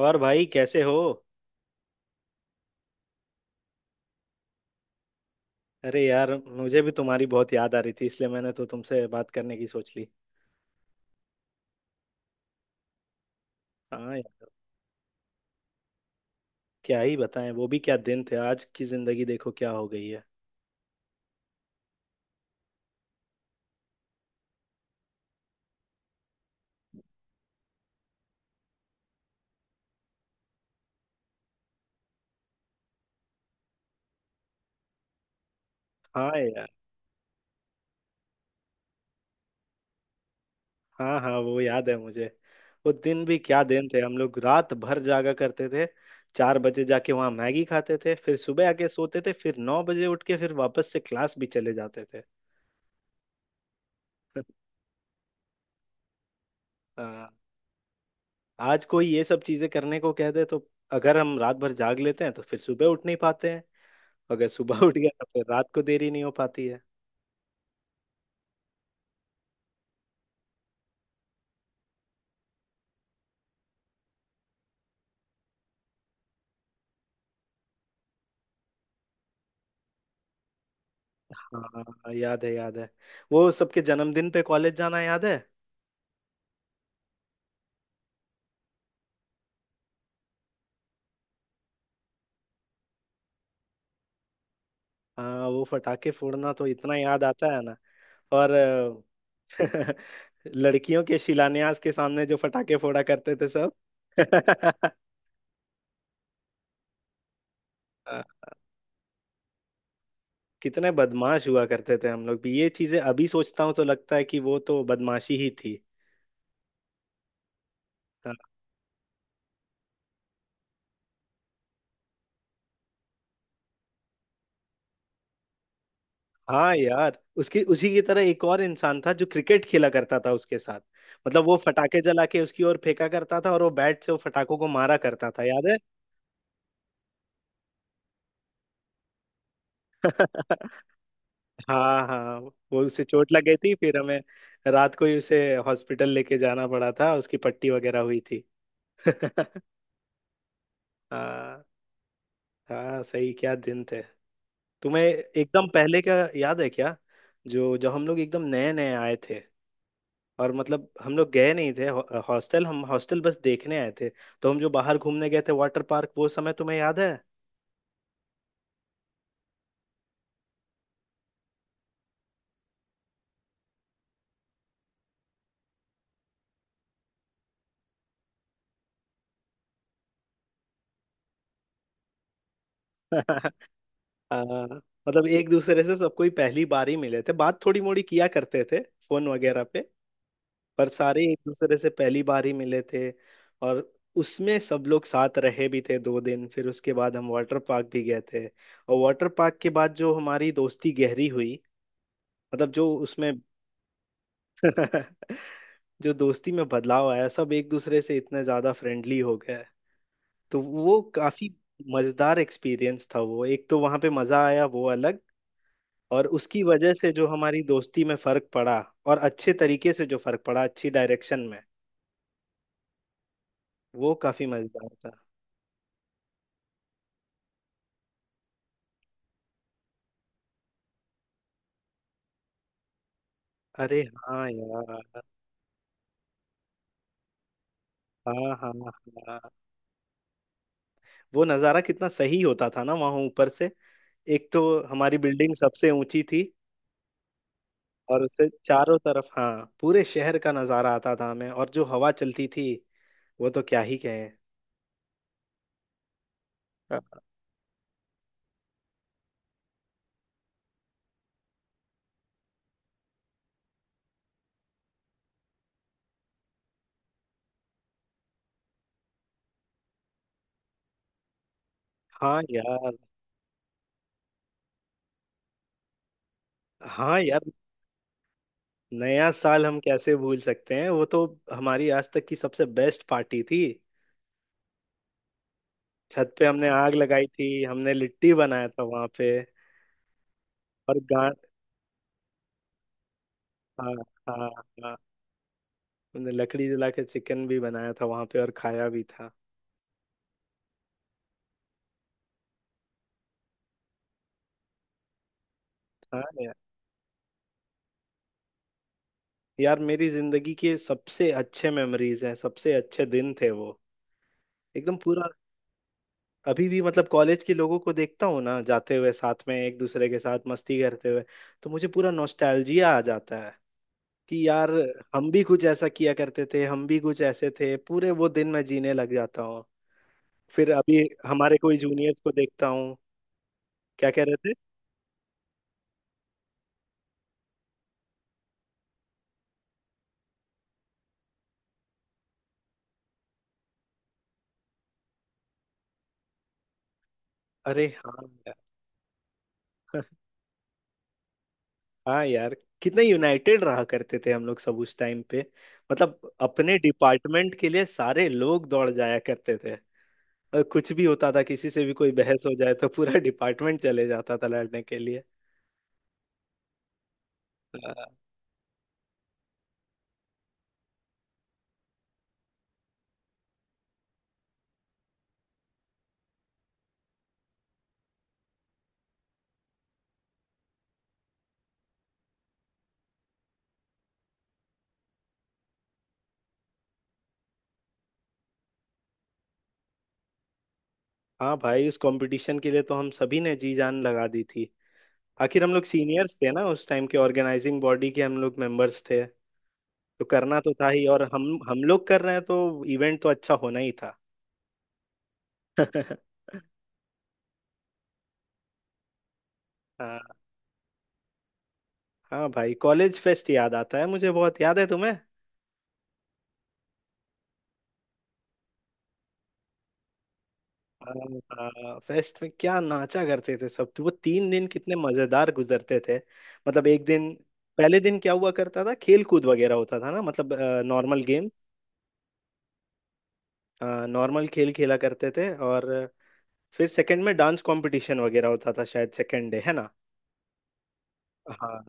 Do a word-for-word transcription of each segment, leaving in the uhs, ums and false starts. और भाई कैसे हो। अरे यार मुझे भी तुम्हारी बहुत याद आ रही थी इसलिए मैंने तो तुमसे बात करने की सोच ली। हाँ यार। क्या ही बताएं वो भी क्या दिन थे, आज की जिंदगी देखो क्या हो गई है। हाँ यार। हाँ हाँ वो याद है मुझे। वो दिन भी क्या दिन थे, हम लोग रात भर जागा करते थे। चार बजे जाके वहाँ मैगी खाते थे, फिर सुबह आके सोते थे, फिर नौ बजे उठ के फिर वापस से क्लास भी चले जाते थे। हाँ, आज कोई ये सब चीजें करने को कह दे तो अगर हम रात भर जाग लेते हैं तो फिर सुबह उठ नहीं पाते हैं। अगर सुबह उठ गया तो फिर रात को देरी नहीं हो पाती है। हाँ याद है याद है। वो सबके जन्मदिन पे कॉलेज जाना याद है। हाँ वो फटाके फोड़ना तो इतना याद आता है ना। और अ, लड़कियों के शिलान्यास के सामने जो फटाके फोड़ा करते थे सब। हाँ, कितने बदमाश हुआ करते थे हम लोग भी, ये चीजें अभी सोचता हूँ तो लगता है कि वो तो बदमाशी ही थी। हाँ, हाँ यार उसकी, उसी की तरह एक और इंसान था जो क्रिकेट खेला करता था उसके साथ। मतलब वो फटाके जला के उसकी ओर फेंका करता था और वो बैट से वो फटाकों को मारा करता था, याद है। हाँ हाँ। वो उसे चोट लग गई थी, फिर हमें रात को ही उसे हॉस्पिटल लेके जाना पड़ा था, उसकी पट्टी वगैरह हुई थी। हाँ हाँ सही क्या दिन थे। तुम्हें एकदम पहले का याद है क्या? जो जब हम लोग एकदम नए नए आए थे, और मतलब हम लोग गए नहीं थे, हॉ- हॉस्टल हम हॉस्टल बस देखने आए थे, तो हम जो बाहर घूमने गए थे वाटर पार्क, वो समय तुम्हें याद है? आ, मतलब एक दूसरे से सबको ही पहली बार ही मिले थे, बात थोड़ी मोड़ी किया करते थे फोन वगैरह पे। पर सारे एक दूसरे से पहली बार ही मिले थे। और उसमें सब लोग साथ रहे भी थे दो दिन, फिर उसके बाद हम वाटर पार्क भी गए थे, और वाटर पार्क के बाद जो हमारी दोस्ती गहरी हुई, मतलब जो उसमें जो दोस्ती में बदलाव आया, सब एक दूसरे से इतने ज्यादा फ्रेंडली हो गए। तो वो काफी मजेदार एक्सपीरियंस था वो, एक तो वहां पे मजा आया वो अलग, और उसकी वजह से जो हमारी दोस्ती में फर्क पड़ा, और अच्छे तरीके से जो फर्क पड़ा, अच्छी डायरेक्शन में, वो काफी मजेदार था। अरे हाँ यार। हाँ हाँ हाँ। वो नज़ारा कितना सही होता था ना वहाँ ऊपर से। एक तो हमारी बिल्डिंग सबसे ऊंची थी, और उससे चारों तरफ हाँ पूरे शहर का नजारा आता था हमें, और जो हवा चलती थी वो तो क्या ही कहें। अ- हाँ यार। हाँ यार। नया साल हम कैसे भूल सकते हैं, वो तो हमारी आज तक की सबसे बेस्ट पार्टी थी। छत पे हमने आग लगाई थी, हमने लिट्टी बनाया था वहां पे। और गा हाँ हाँ हाँ। हमने लकड़ी जला के चिकन भी बनाया था वहां पे और खाया भी था। हाँ यार। यार मेरी जिंदगी के सबसे अच्छे मेमोरीज हैं, सबसे अच्छे दिन थे वो, एकदम पूरा। अभी भी, मतलब कॉलेज के लोगों को देखता हूँ ना जाते हुए साथ में, एक दूसरे के साथ मस्ती करते हुए, तो मुझे पूरा नॉस्टैल्जिया आ जाता है कि यार हम भी कुछ ऐसा किया करते थे, हम भी कुछ ऐसे थे, पूरे वो दिन मैं जीने लग जाता हूँ। फिर अभी हमारे कोई जूनियर्स को देखता हूँ। क्या कह रहे थे? अरे हाँ यार, हाँ यार कितने यूनाइटेड रहा करते थे हम लोग सब उस टाइम पे। मतलब अपने डिपार्टमेंट के लिए सारे लोग दौड़ जाया करते थे। अ, कुछ भी होता था, किसी से भी कोई बहस हो जाए तो पूरा डिपार्टमेंट चले जाता था लड़ने के लिए। अ, हाँ भाई उस कंपटीशन के लिए तो हम सभी ने जी जान लगा दी थी। आखिर हम लोग सीनियर्स थे ना उस टाइम के, ऑर्गेनाइजिंग बॉडी के हम लोग मेंबर्स थे, तो करना तो था ही। और हम हम लोग कर रहे हैं तो इवेंट तो अच्छा होना ही था। हाँ। हाँ भाई कॉलेज फेस्ट याद आता है मुझे, बहुत याद है तुम्हें। हाँ, फेस्ट में क्या नाचा करते थे सब, तो वो तीन दिन कितने मजेदार गुजरते थे। मतलब एक दिन, पहले दिन क्या हुआ करता था, खेल कूद वगैरह होता था ना, मतलब नॉर्मल गेम, नॉर्मल खेल खेला करते थे। और फिर सेकंड में डांस कंपटीशन वगैरह होता था, शायद सेकंड डे है ना। हाँ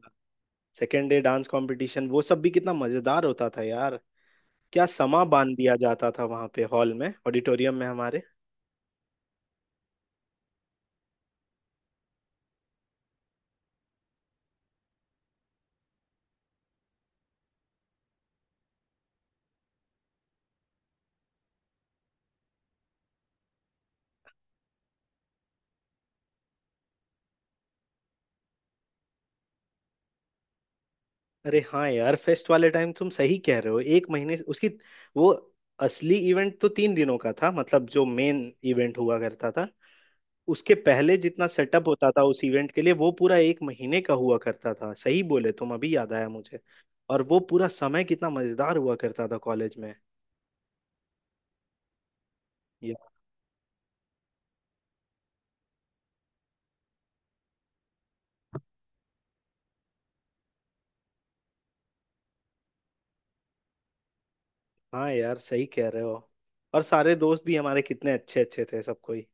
सेकंड डे डांस कंपटीशन, वो सब भी कितना मजेदार होता था यार। क्या समा बांध दिया जाता था वहां पे, हॉल में, ऑडिटोरियम में हमारे। अरे हाँ यार फेस्ट वाले टाइम तुम सही कह रहे हो, एक महीने से- उसकी वो असली इवेंट तो तीन दिनों का था, मतलब जो मेन इवेंट हुआ करता था, उसके पहले जितना सेटअप होता था उस इवेंट के लिए, वो पूरा एक महीने का हुआ करता था, सही बोले तुम अभी याद आया मुझे। और वो पूरा समय कितना मजेदार हुआ करता था कॉलेज में। ये हाँ यार सही कह रहे हो। और सारे दोस्त भी हमारे कितने अच्छे अच्छे थे सब कोई।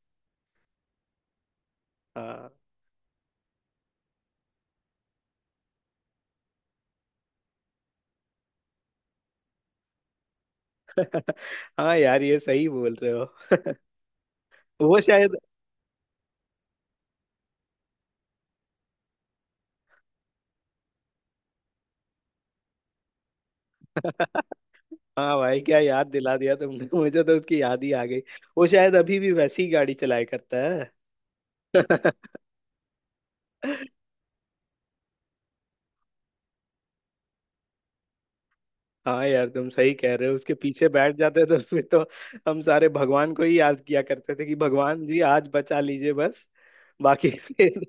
हाँ। हाँ यार ये सही बोल रहे हो। वो शायद। हाँ भाई क्या याद दिला दिया तुमने, मुझे तो उसकी याद ही आ गई। वो शायद अभी भी वैसी ही गाड़ी चलाया करता है। हाँ यार तुम सही कह रहे हो, उसके पीछे बैठ जाते तो फिर तो हम सारे भगवान को ही याद किया करते थे कि भगवान जी आज बचा लीजिए बस। बाकी फिर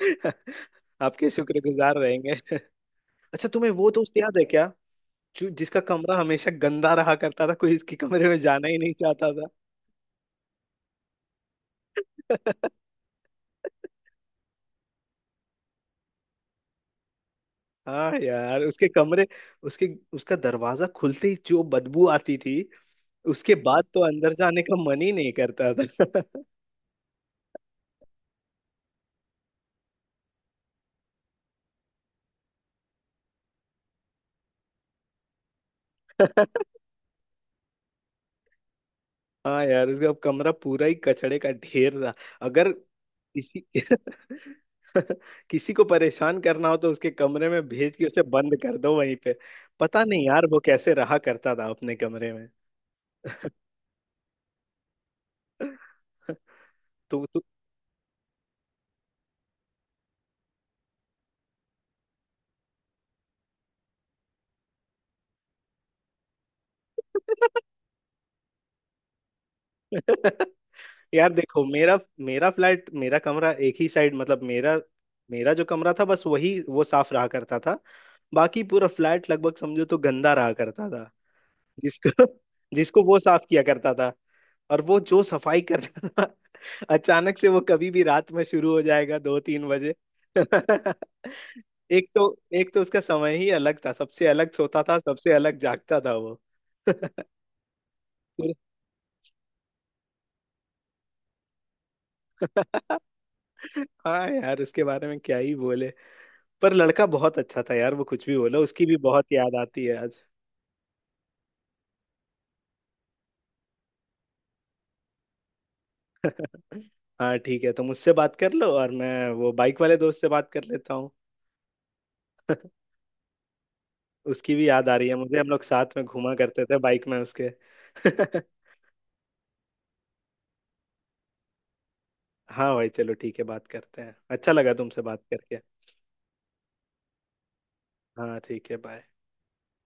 आपके शुक्रगुजार रहेंगे। अच्छा तुम्हें वो तो उससे याद है क्या, जो जिसका कमरा हमेशा गंदा रहा करता था, कोई इसके कमरे में जाना ही नहीं चाहता था। हाँ यार उसके कमरे, उसके, उसका दरवाजा खुलते ही जो बदबू आती थी, उसके बाद तो अंदर जाने का मन ही नहीं करता था। हाँ यार उसका कमरा पूरा ही कचड़े का ढेर था। अगर किसी किसी को परेशान करना हो तो उसके कमरे में भेज के उसे बंद कर दो वहीं पे। पता नहीं यार वो कैसे रहा करता था अपने कमरे में। तो, तो... यार देखो मेरा, मेरा फ्लैट, मेरा कमरा एक ही साइड, मतलब मेरा मेरा जो कमरा था बस वही वो साफ रहा करता था। बाकी पूरा फ्लैट लगभग समझो तो गंदा रहा करता था। जिसको जिसको वो साफ किया करता था, और वो जो सफाई करता था अचानक से वो कभी भी रात में शुरू हो जाएगा दो तीन बजे। एक तो एक तो उसका समय ही अलग था, सबसे अलग सोता था, सबसे अलग जागता था वो। हाँ यार उसके बारे में क्या ही बोले। पर लड़का बहुत अच्छा था यार, वो कुछ भी बोलो, उसकी भी बहुत याद आती है आज। हाँ ठीक है, तुम उससे बात कर लो और मैं वो बाइक वाले दोस्त से बात कर लेता हूँ। उसकी भी याद आ रही है मुझे, हम लोग साथ में घूमा करते थे बाइक में उसके। हाँ भाई चलो ठीक है, बात करते हैं, अच्छा लगा तुमसे बात करके। हाँ ठीक है बाय।